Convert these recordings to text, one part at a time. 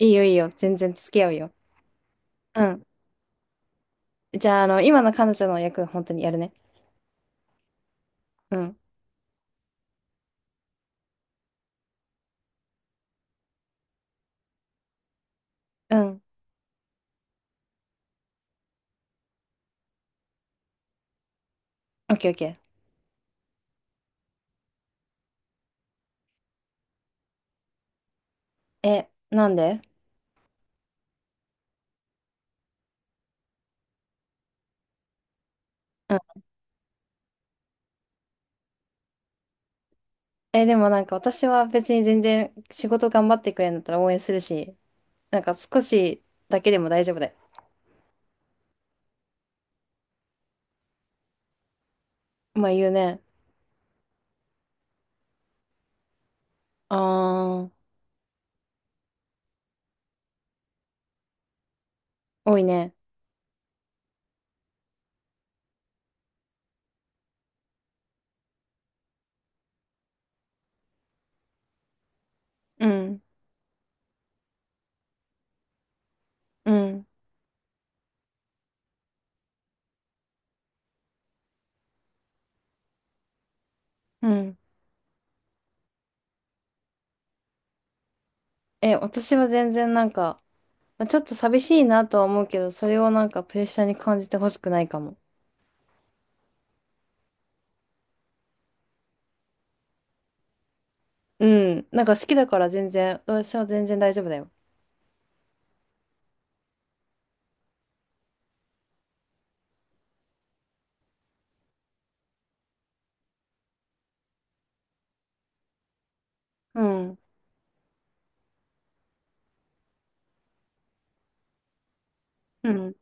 いいよいいよ。全然付き合うよ。うん。じゃあ、今の彼女の役、本当にやるね。うん。うん。オッケーオッケー。え、なんで？うん。え、でもなんか私は別に全然仕事頑張ってくれるんだったら応援するし、なんか少しだけでも大丈夫だよ。まあ言うね。あー、多いね。うん。うん。うん。え、私は全然まあ、ちょっと寂しいなとは思うけど、それをなんかプレッシャーに感じてほしくないかも。うん。なんか好きだから全然、私は全然大丈夫だよ。うん。うん、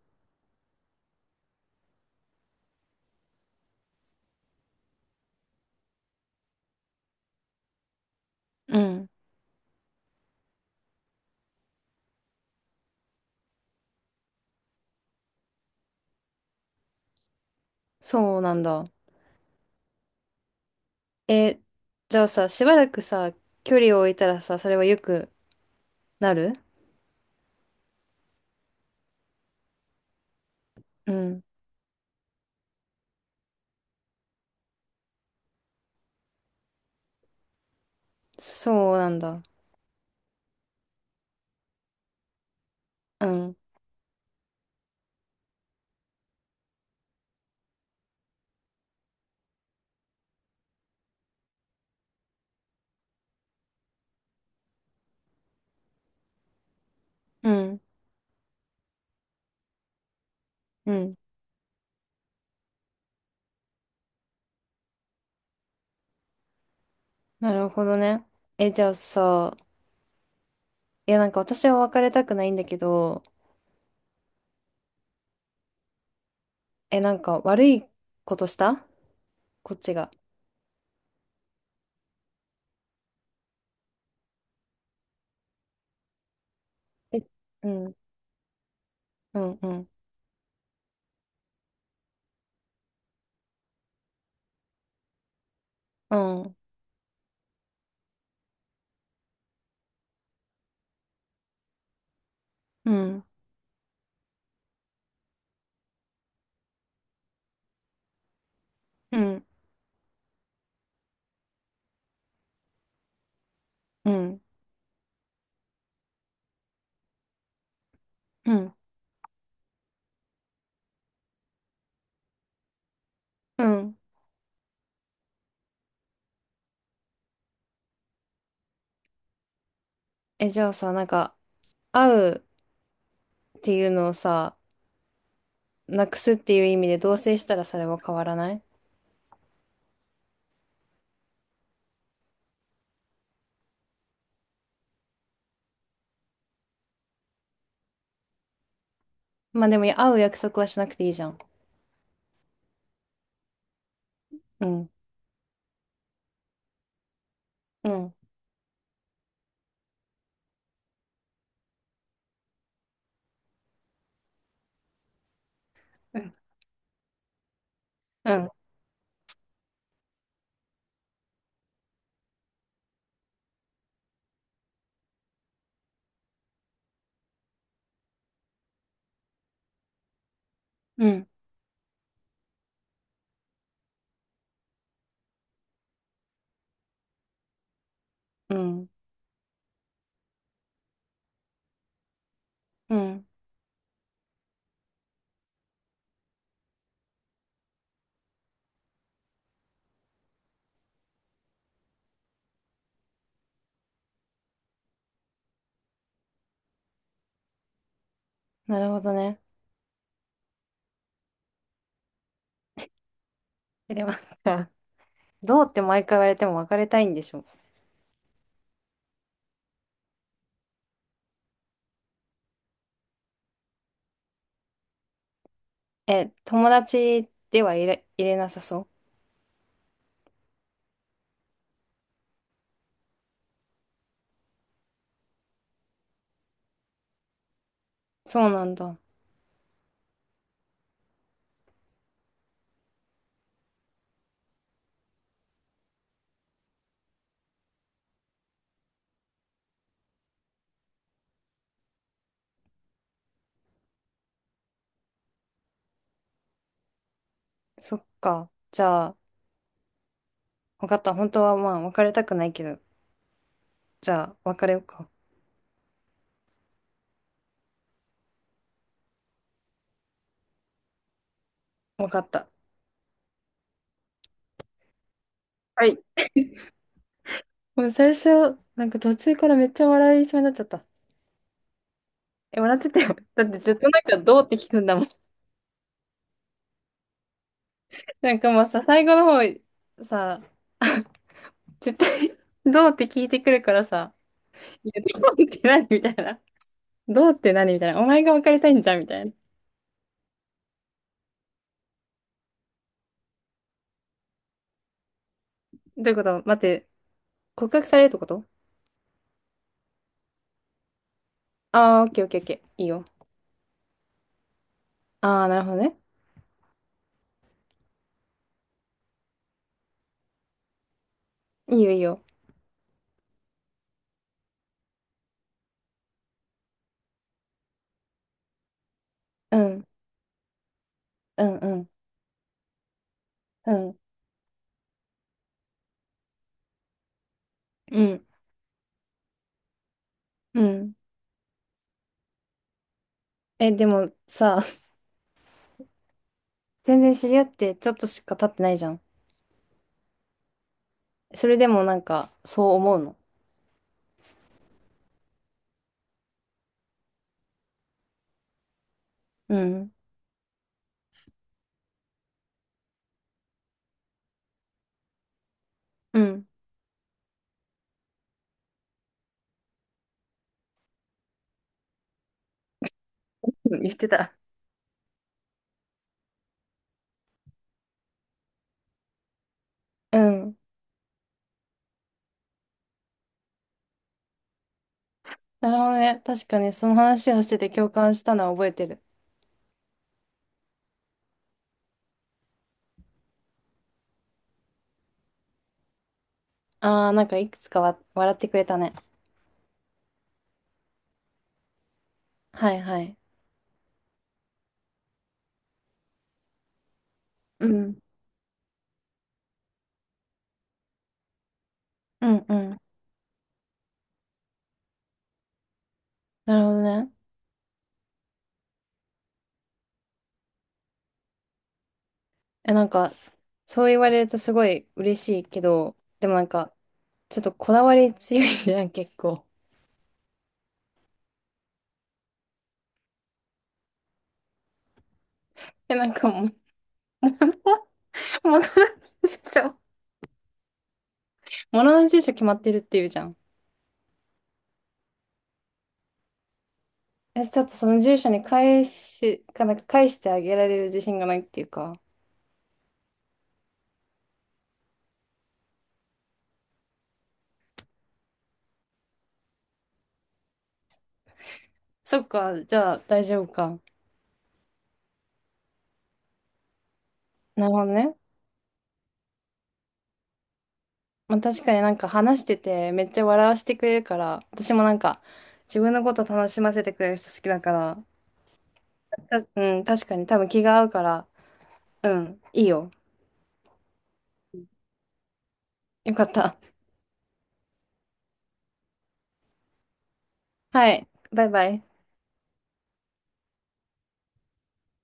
うん。そうなんだ。え、じゃあさ、しばらくさ、距離を置いたらさ、それはよくなる？うん。そうなんだ。うん。うん。うん。なるほどね。え、じゃあさ、いやなんか私は別れたくないんだけど、え、なんか悪いことしたこっちが。え、うん。うん。うん。うん。うん。うん。うん。うん。うん。え、じゃあさ、なんか、会うっていうのをさ、なくすっていう意味で同棲したらそれは変わらない？まあでも会う約束はしなくていいじゃん。うん。うん。うん。うん。うん。うん。うん。なるほどね。え、でもなんか、どうって毎回言われても別れたいんでしょ。え、友達では入れ、入れなさそう。そうなんだ。そっか。じゃあ、わかった。本当はまあ別れたくないけど、じゃあ別れようか。わかった。はい。もう最初、なんか途中からめっちゃ笑いそうになっちゃった。え、笑ってたよ。だってずっとなんかどうって聞くんだもん。なんかもうさ、最後の方、さ、絶対 どうって聞いてくるからさ、いや、どうって何みたいな。どうって何みたいな。お前が別れたいんじゃんみたいな。どういうこと待って、告白されるってこと？ああー、オッケーオッケーオッケー。いいよ。ああ、なるほどね。いいよいいよ。うん、うん、うん、うん、うん、うん。え、でもさ、全然知り合ってちょっとしか経ってないじゃん。それでもなんか、そう思うの？うん、うん。言ってた。うん。なるほどね。確かにその話をしてて共感したのは覚えてる。ああ、なんかいくつかわ笑ってくれたね。はいはい。うん。うんうん。なるほどね。え、なんか、そう言われるとすごい嬉しいけど、でもなんか、ちょっとこだわり強いじゃん、結構。え、なんかもう、物の住所、物の住所決まってるっていうじゃん。え、ちょっとその住所に返し、かなんか返してあげられる自信がないっていうか。そっか、じゃあ大丈夫か。なるほどね。まあ、確かになんか話しててめっちゃ笑わせてくれるから、私もなんか自分のこと楽しませてくれる人好きだから、た、うん、確かに多分気が合うから、うん、いいよ。よかった。はい、バイバイ。